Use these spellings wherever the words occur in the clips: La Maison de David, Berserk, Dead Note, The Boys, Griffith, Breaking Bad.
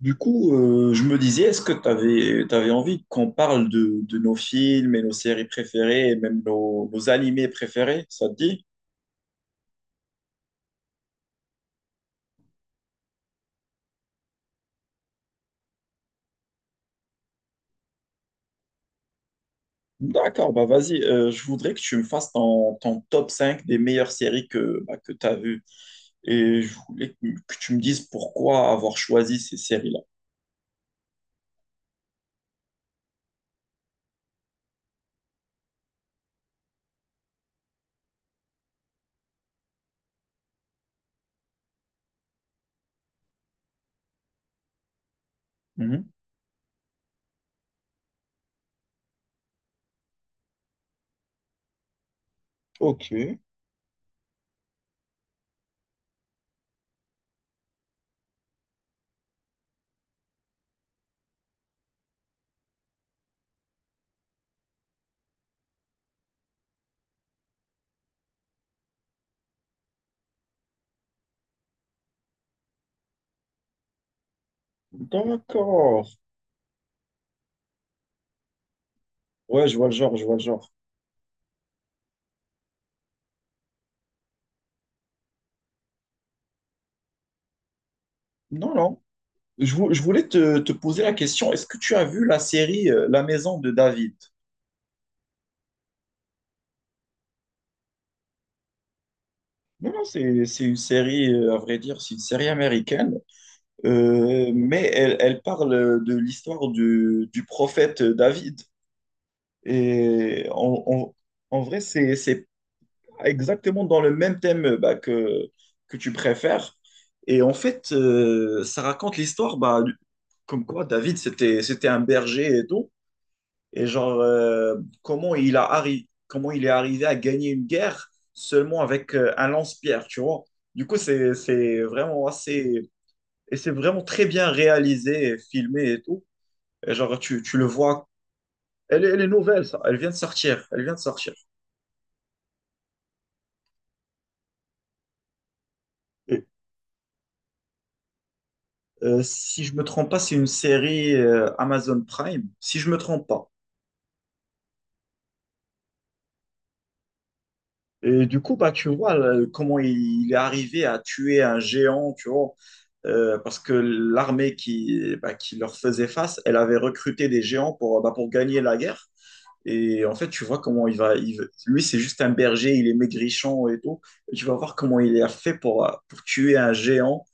Je me disais, est-ce que tu avais envie qu'on parle de nos films et nos séries préférées, et même nos animés préférés? Ça te dit? D'accord, bah vas-y, je voudrais que tu me fasses ton top 5 des meilleures séries que, que tu as vues. Et je voulais que tu me dises pourquoi avoir choisi ces séries-là. Mhm. Ok, d'accord. Ouais, je vois le genre, je vois le genre. Non, non. Je voulais te poser la question: est-ce que tu as vu la série La Maison de David? Non, non, c'est une série, à vrai dire, c'est une série américaine, mais elle, elle parle de l'histoire du prophète David. Et en, en- En vrai, c'est pas exactement dans le même thème que tu préfères. Et en fait, ça raconte l'histoire, comme quoi David, c'était un berger et tout. Et genre, comment il est arrivé à gagner une guerre seulement avec un lance-pierre, tu vois? Du coup, c'est vraiment assez... Et c'est vraiment très bien réalisé, et filmé et tout. Et genre, tu le vois. Elle est nouvelle, ça. Elle vient de sortir. Elle vient de sortir. Et, Si je me trompe pas, c'est une série Amazon Prime. Si je me trompe pas. Et du coup, bah, tu vois comment il est arrivé à tuer un géant, tu vois, parce que l'armée qui, bah, qui leur faisait face, elle avait recruté des géants pour, bah, pour gagner la guerre. Et en fait, tu vois comment lui, c'est juste un berger, il est maigrichon et tout. Et tu vas voir comment il a fait pour tuer un géant.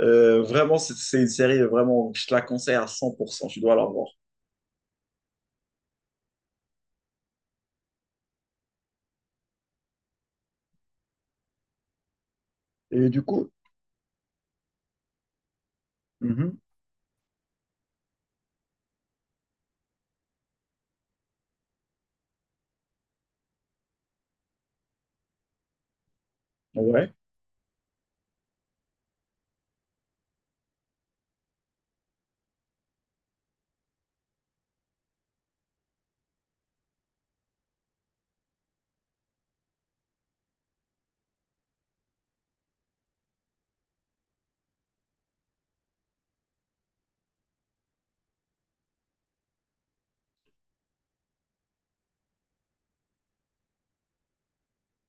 Vraiment, c'est une série, vraiment, je te la conseille à 100%, tu dois la voir. Et du coup, mhm, ouais.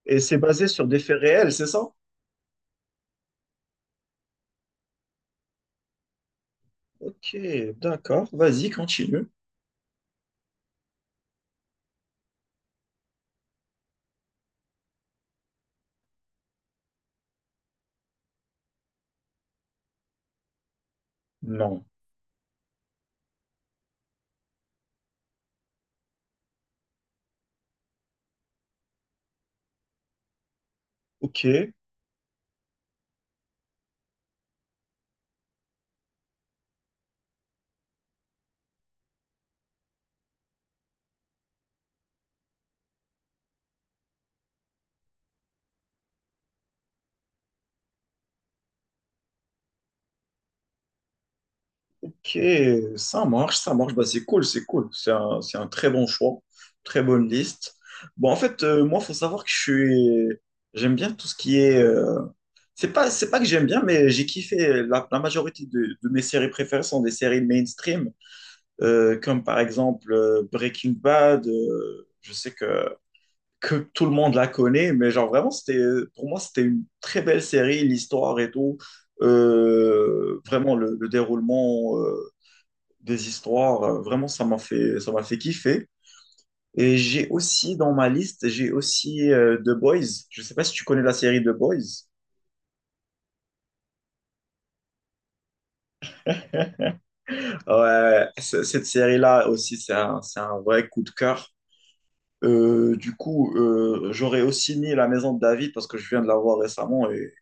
Et c'est basé sur des faits réels, c'est ça? Ok, d'accord, vas-y, continue. Non. Ok, ok, ça marche, ça marche. Bah, c'est cool, c'est cool. C'est un très bon choix, très bonne liste. Bon, en fait, moi, faut savoir que je suis, j'aime bien tout ce qui est. C'est pas que j'aime bien, mais j'ai kiffé. La majorité de mes séries préférées sont des séries mainstream, comme par exemple Breaking Bad. Je sais que tout le monde la connaît, mais genre vraiment, c'était, pour moi, c'était une très belle série, l'histoire et tout. Vraiment, le déroulement des histoires, vraiment, ça m'a fait kiffer. Et j'ai aussi dans ma liste, j'ai aussi The Boys. Je sais pas si tu connais la série The Boys. Ouais, cette série-là aussi, c'est un vrai coup de cœur. J'aurais aussi mis La Maison de David parce que je viens de la voir récemment et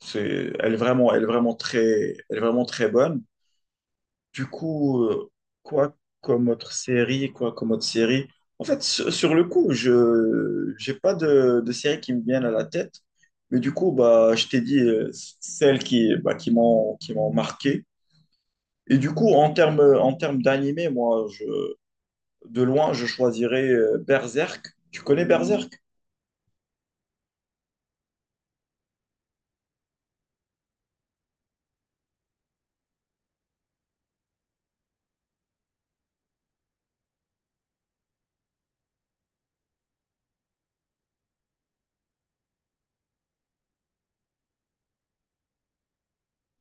Elle est vraiment très, elle est vraiment très bonne. Du coup, quoi comme autre série, quoi comme autre série. En fait, sur, sur le coup, j'ai pas de série qui me viennent à la tête. Mais du coup, bah, je t'ai dit celles qui, bah, qui m'ont marqué. Et du coup, en termes d'animé, de loin, je choisirais Berserk. Tu connais Berserk?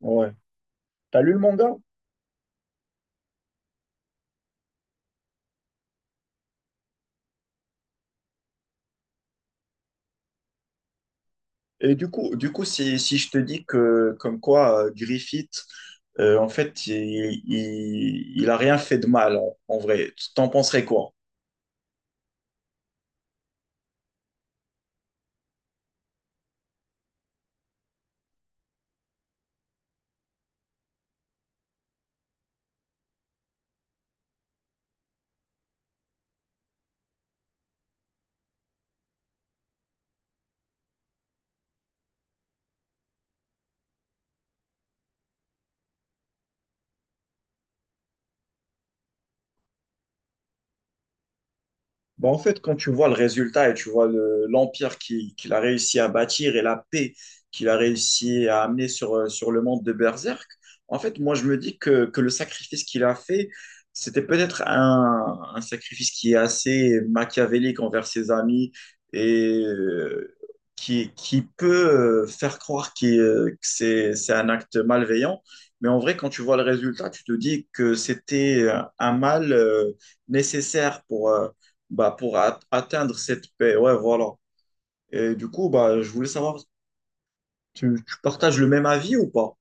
Ouais. T'as lu le manga? Et du coup, si je te dis que, comme quoi, Griffith, en fait, il a rien fait de mal, en vrai, t'en penserais quoi? Bah, en fait, quand tu vois le résultat et tu vois l'empire qu'il a réussi à bâtir et la paix qu'il a réussi à amener sur, sur le monde de Berserk, en fait, moi, je me dis que le sacrifice qu'il a fait, c'était peut-être un sacrifice qui est assez machiavélique envers ses amis et qui peut faire croire que c'est un acte malveillant. Mais en vrai, quand tu vois le résultat, tu te dis que c'était un mal nécessaire pour... pour atteindre cette paix. Ouais, voilà. Et du coup, bah, je voulais savoir, tu partages le même avis ou pas?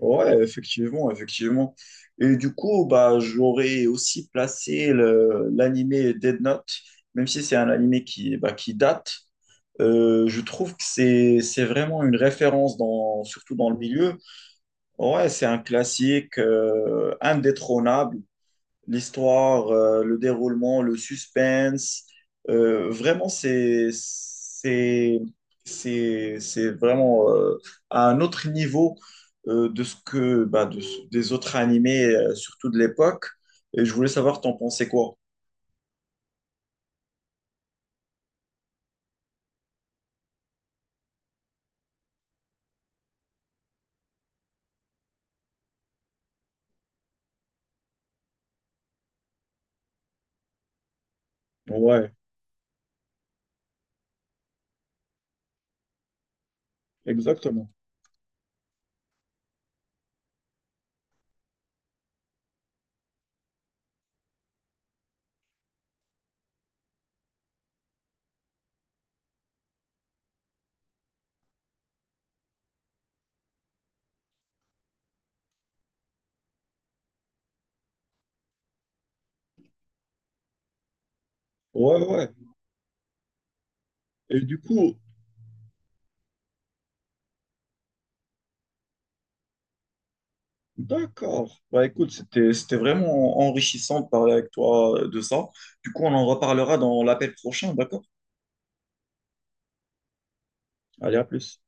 Ouais, effectivement, effectivement. Et du coup, bah, j'aurais aussi placé l'animé Dead Note, même si c'est un animé qui, bah, qui date. Je trouve que c'est vraiment une référence, dans, surtout dans le milieu. Ouais, c'est un classique indétrônable. L'histoire, le déroulement, le suspense. Vraiment, c'est vraiment à un autre niveau de ce que, bah, des autres animés, surtout de l'époque. Et je voulais savoir, t'en pensais quoi? Ouais, exactement. Ouais, ouais. Et du coup, d'accord. Bah écoute, c'était vraiment enrichissant de parler avec toi de ça. Du coup, on en reparlera dans l'appel prochain, d'accord? Allez, à plus.